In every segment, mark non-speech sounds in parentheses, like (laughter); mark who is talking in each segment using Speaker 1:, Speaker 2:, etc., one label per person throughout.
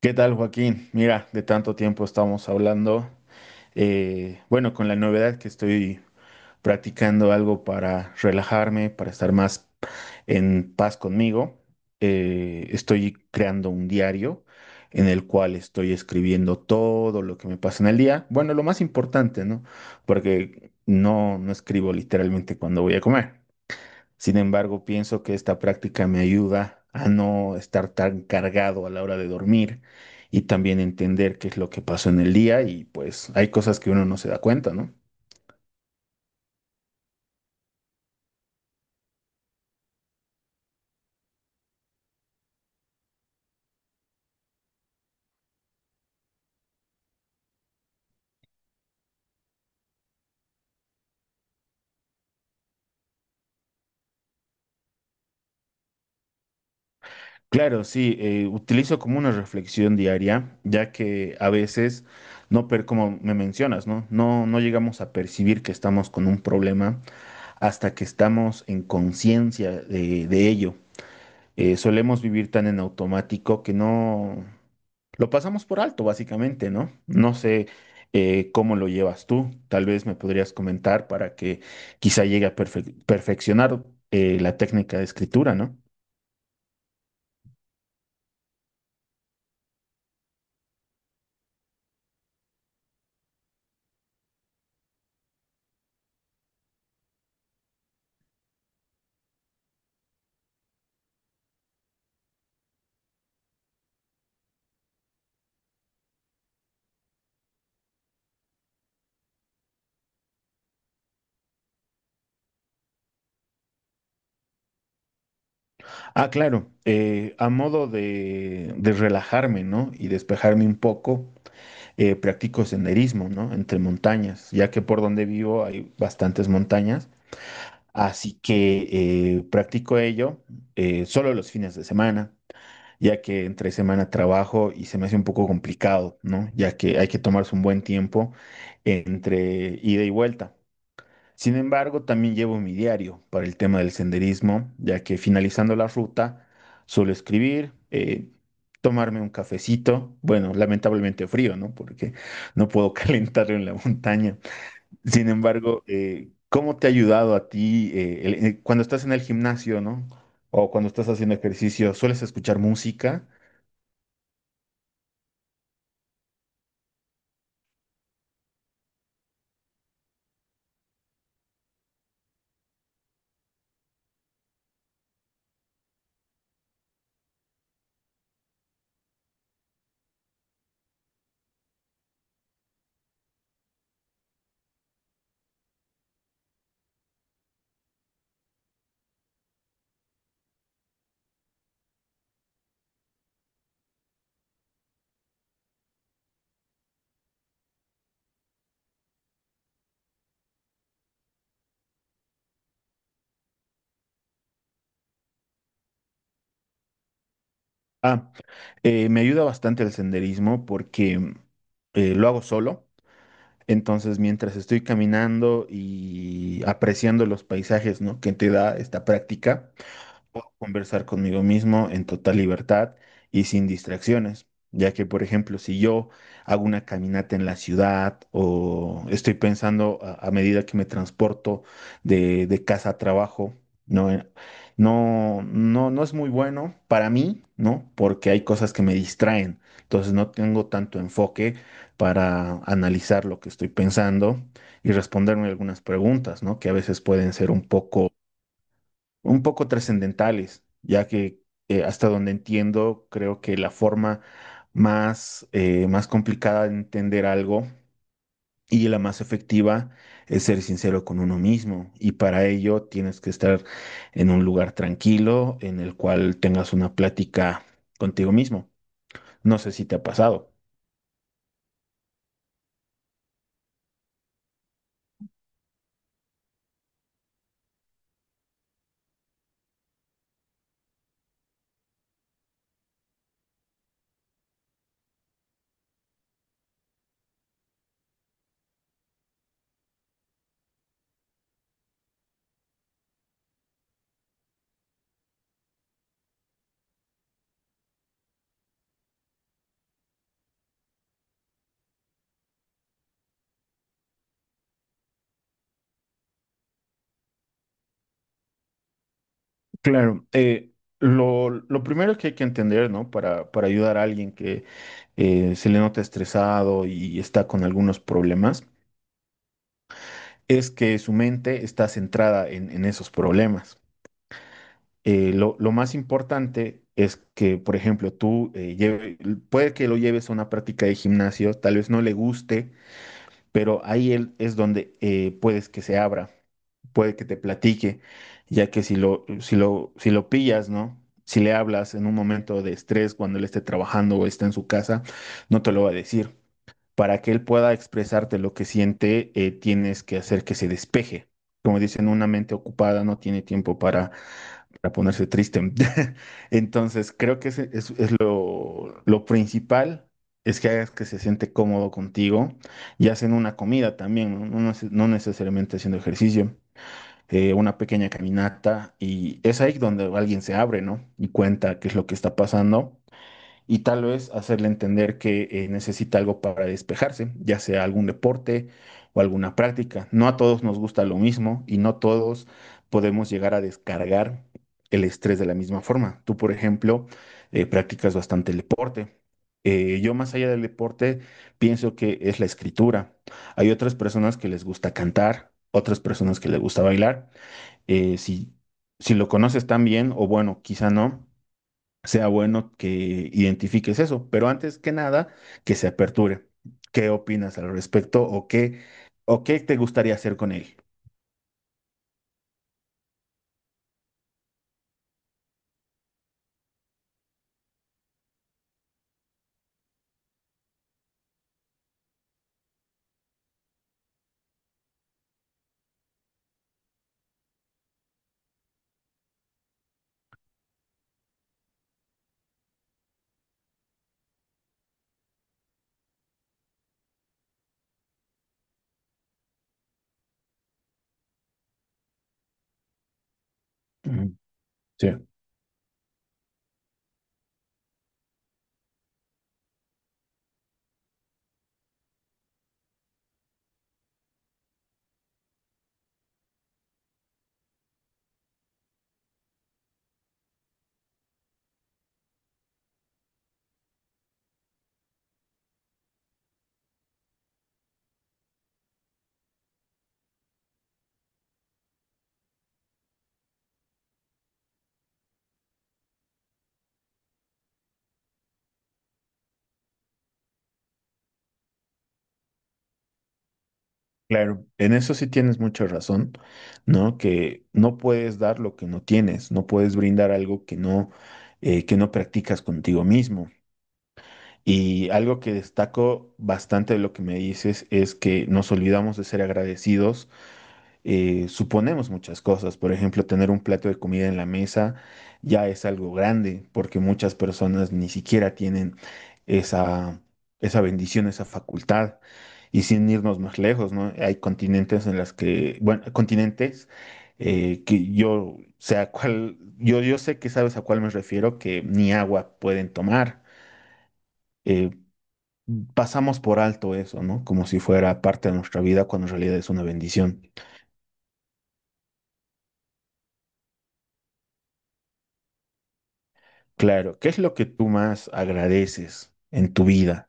Speaker 1: ¿Qué tal, Joaquín? Mira, de tanto tiempo estamos hablando. Bueno, con la novedad que estoy practicando algo para relajarme, para estar más en paz conmigo. Estoy creando un diario en el cual estoy escribiendo todo lo que me pasa en el día. Bueno, lo más importante, ¿no? Porque no escribo literalmente cuando voy a comer. Sin embargo, pienso que esta práctica me ayuda a no estar tan cargado a la hora de dormir y también entender qué es lo que pasó en el día, y pues hay cosas que uno no se da cuenta, ¿no? Claro, sí, utilizo como una reflexión diaria, ya que a veces no, per como me mencionas, ¿no? No llegamos a percibir que estamos con un problema hasta que estamos en conciencia de ello. Solemos vivir tan en automático que no lo pasamos por alto, básicamente, ¿no? No sé cómo lo llevas tú, tal vez me podrías comentar para que quizá llegue a perfeccionar la técnica de escritura, ¿no? Ah, claro, a modo de relajarme, ¿no? Y despejarme un poco, practico senderismo, ¿no? Entre montañas, ya que por donde vivo hay bastantes montañas, así que practico ello solo los fines de semana, ya que entre semana trabajo y se me hace un poco complicado, ¿no? Ya que hay que tomarse un buen tiempo entre ida y vuelta. Sin embargo, también llevo mi diario para el tema del senderismo, ya que finalizando la ruta suelo escribir, tomarme un cafecito, bueno, lamentablemente frío, ¿no? Porque no puedo (laughs) calentarlo en la montaña. Sin embargo, ¿cómo te ha ayudado a ti cuando estás en el gimnasio, ¿no? O cuando estás haciendo ejercicio, ¿sueles escuchar música? Ah, me ayuda bastante el senderismo porque lo hago solo. Entonces, mientras estoy caminando y apreciando los paisajes, ¿no? Que te da esta práctica, puedo conversar conmigo mismo en total libertad y sin distracciones, ya que, por ejemplo, si yo hago una caminata en la ciudad o estoy pensando a medida que me transporto de casa a trabajo. no, Eh, no es muy bueno para mí, ¿no? Porque hay cosas que me distraen, entonces no tengo tanto enfoque para analizar lo que estoy pensando y responderme algunas preguntas, ¿no? Que a veces pueden ser un poco trascendentales, ya que hasta donde entiendo, creo que la forma más, más complicada de entender algo, y la más efectiva, es ser sincero con uno mismo. Y para ello tienes que estar en un lugar tranquilo en el cual tengas una plática contigo mismo. No sé si te ha pasado. Claro, lo primero que hay que entender, ¿no? Para ayudar a alguien que se le nota estresado y está con algunos problemas, es que su mente está centrada en esos problemas. Lo más importante es que, por ejemplo, tú puede que lo lleves a una práctica de gimnasio, tal vez no le guste, pero ahí él es donde puedes que se abra, puede que te platique, ya que si lo pillas, ¿no? Si le hablas en un momento de estrés cuando él esté trabajando o está en su casa, no te lo va a decir. Para que él pueda expresarte lo que siente, tienes que hacer que se despeje. Como dicen, una mente ocupada no tiene tiempo para ponerse triste. (laughs) Entonces, creo que ese es lo principal es que hagas que se siente cómodo contigo y hacen una comida también. No necesariamente haciendo ejercicio, una pequeña caminata, y es ahí donde alguien se abre, ¿no? Y cuenta qué es lo que está pasando, y tal vez hacerle entender que necesita algo para despejarse, ya sea algún deporte o alguna práctica. No a todos nos gusta lo mismo y no todos podemos llegar a descargar el estrés de la misma forma. Tú, por ejemplo, practicas bastante el deporte. Yo más allá del deporte pienso que es la escritura. Hay otras personas que les gusta cantar, otras personas que les gusta bailar. Si, si lo conoces tan bien, o bueno, quizá no, sea bueno que identifiques eso, pero antes que nada, que se aperture. ¿Qué opinas al respecto? ¿O qué te gustaría hacer con él? Ujú. Sí, claro, en eso sí tienes mucha razón, ¿no? Que no puedes dar lo que no tienes, no puedes brindar algo que no practicas contigo mismo. Y algo que destaco bastante de lo que me dices es que nos olvidamos de ser agradecidos. Suponemos muchas cosas. Por ejemplo, tener un plato de comida en la mesa ya es algo grande, porque muchas personas ni siquiera tienen esa, esa bendición, esa facultad. Y sin irnos más lejos, ¿no? Hay continentes en las que, bueno, continentes que yo sé a cuál, yo sé que sabes a cuál me refiero, que ni agua pueden tomar. Eh, Pasamos por alto eso, ¿no? Como si fuera parte de nuestra vida cuando en realidad es una bendición. Claro, ¿qué es lo que tú más agradeces en tu vida?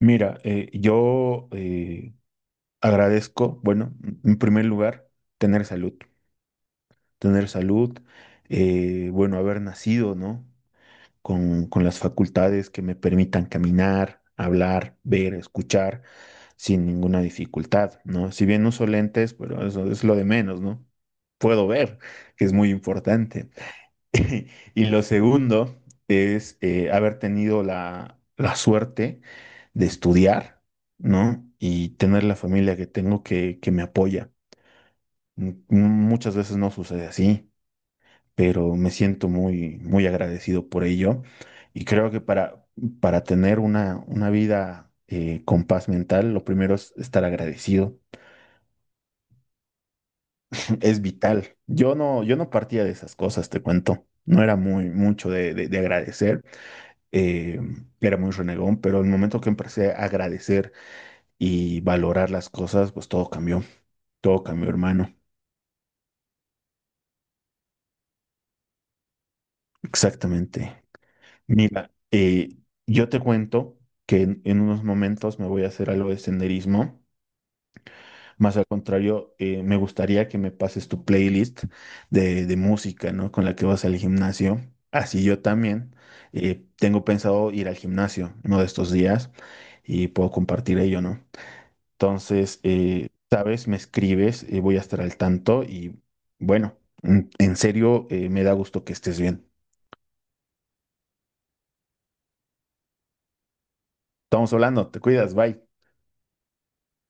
Speaker 1: Mira, yo agradezco, bueno, en primer lugar, tener salud, tener salud, bueno, haber nacido, ¿no? Con las facultades que me permitan caminar, hablar, ver, escuchar, sin ninguna dificultad, ¿no? Si bien uso lentes, pero eso es lo de menos, ¿no? Puedo ver, que es muy importante. (laughs) Y lo segundo es haber tenido la suerte de estudiar, ¿no? Y tener la familia que tengo que me apoya. Muchas veces no sucede así, pero me siento muy, muy agradecido por ello. Y creo que para tener una vida con paz mental, lo primero es estar agradecido. Es vital. Yo no partía de esas cosas, te cuento. No era muy mucho de agradecer, eh, era muy renegón, pero el momento que empecé a agradecer y valorar las cosas, pues todo cambió, hermano. Exactamente. Mira, yo te cuento que en unos momentos me voy a hacer algo de senderismo. Más al contrario, me gustaría que me pases tu playlist de música, ¿no? Con la que vas al gimnasio. Así yo también tengo pensado ir al gimnasio uno de estos días y puedo compartir ello, ¿no? Entonces, sabes, me escribes, voy a estar al tanto. Y bueno, en serio, me da gusto que estés bien. Estamos hablando, te cuidas, bye.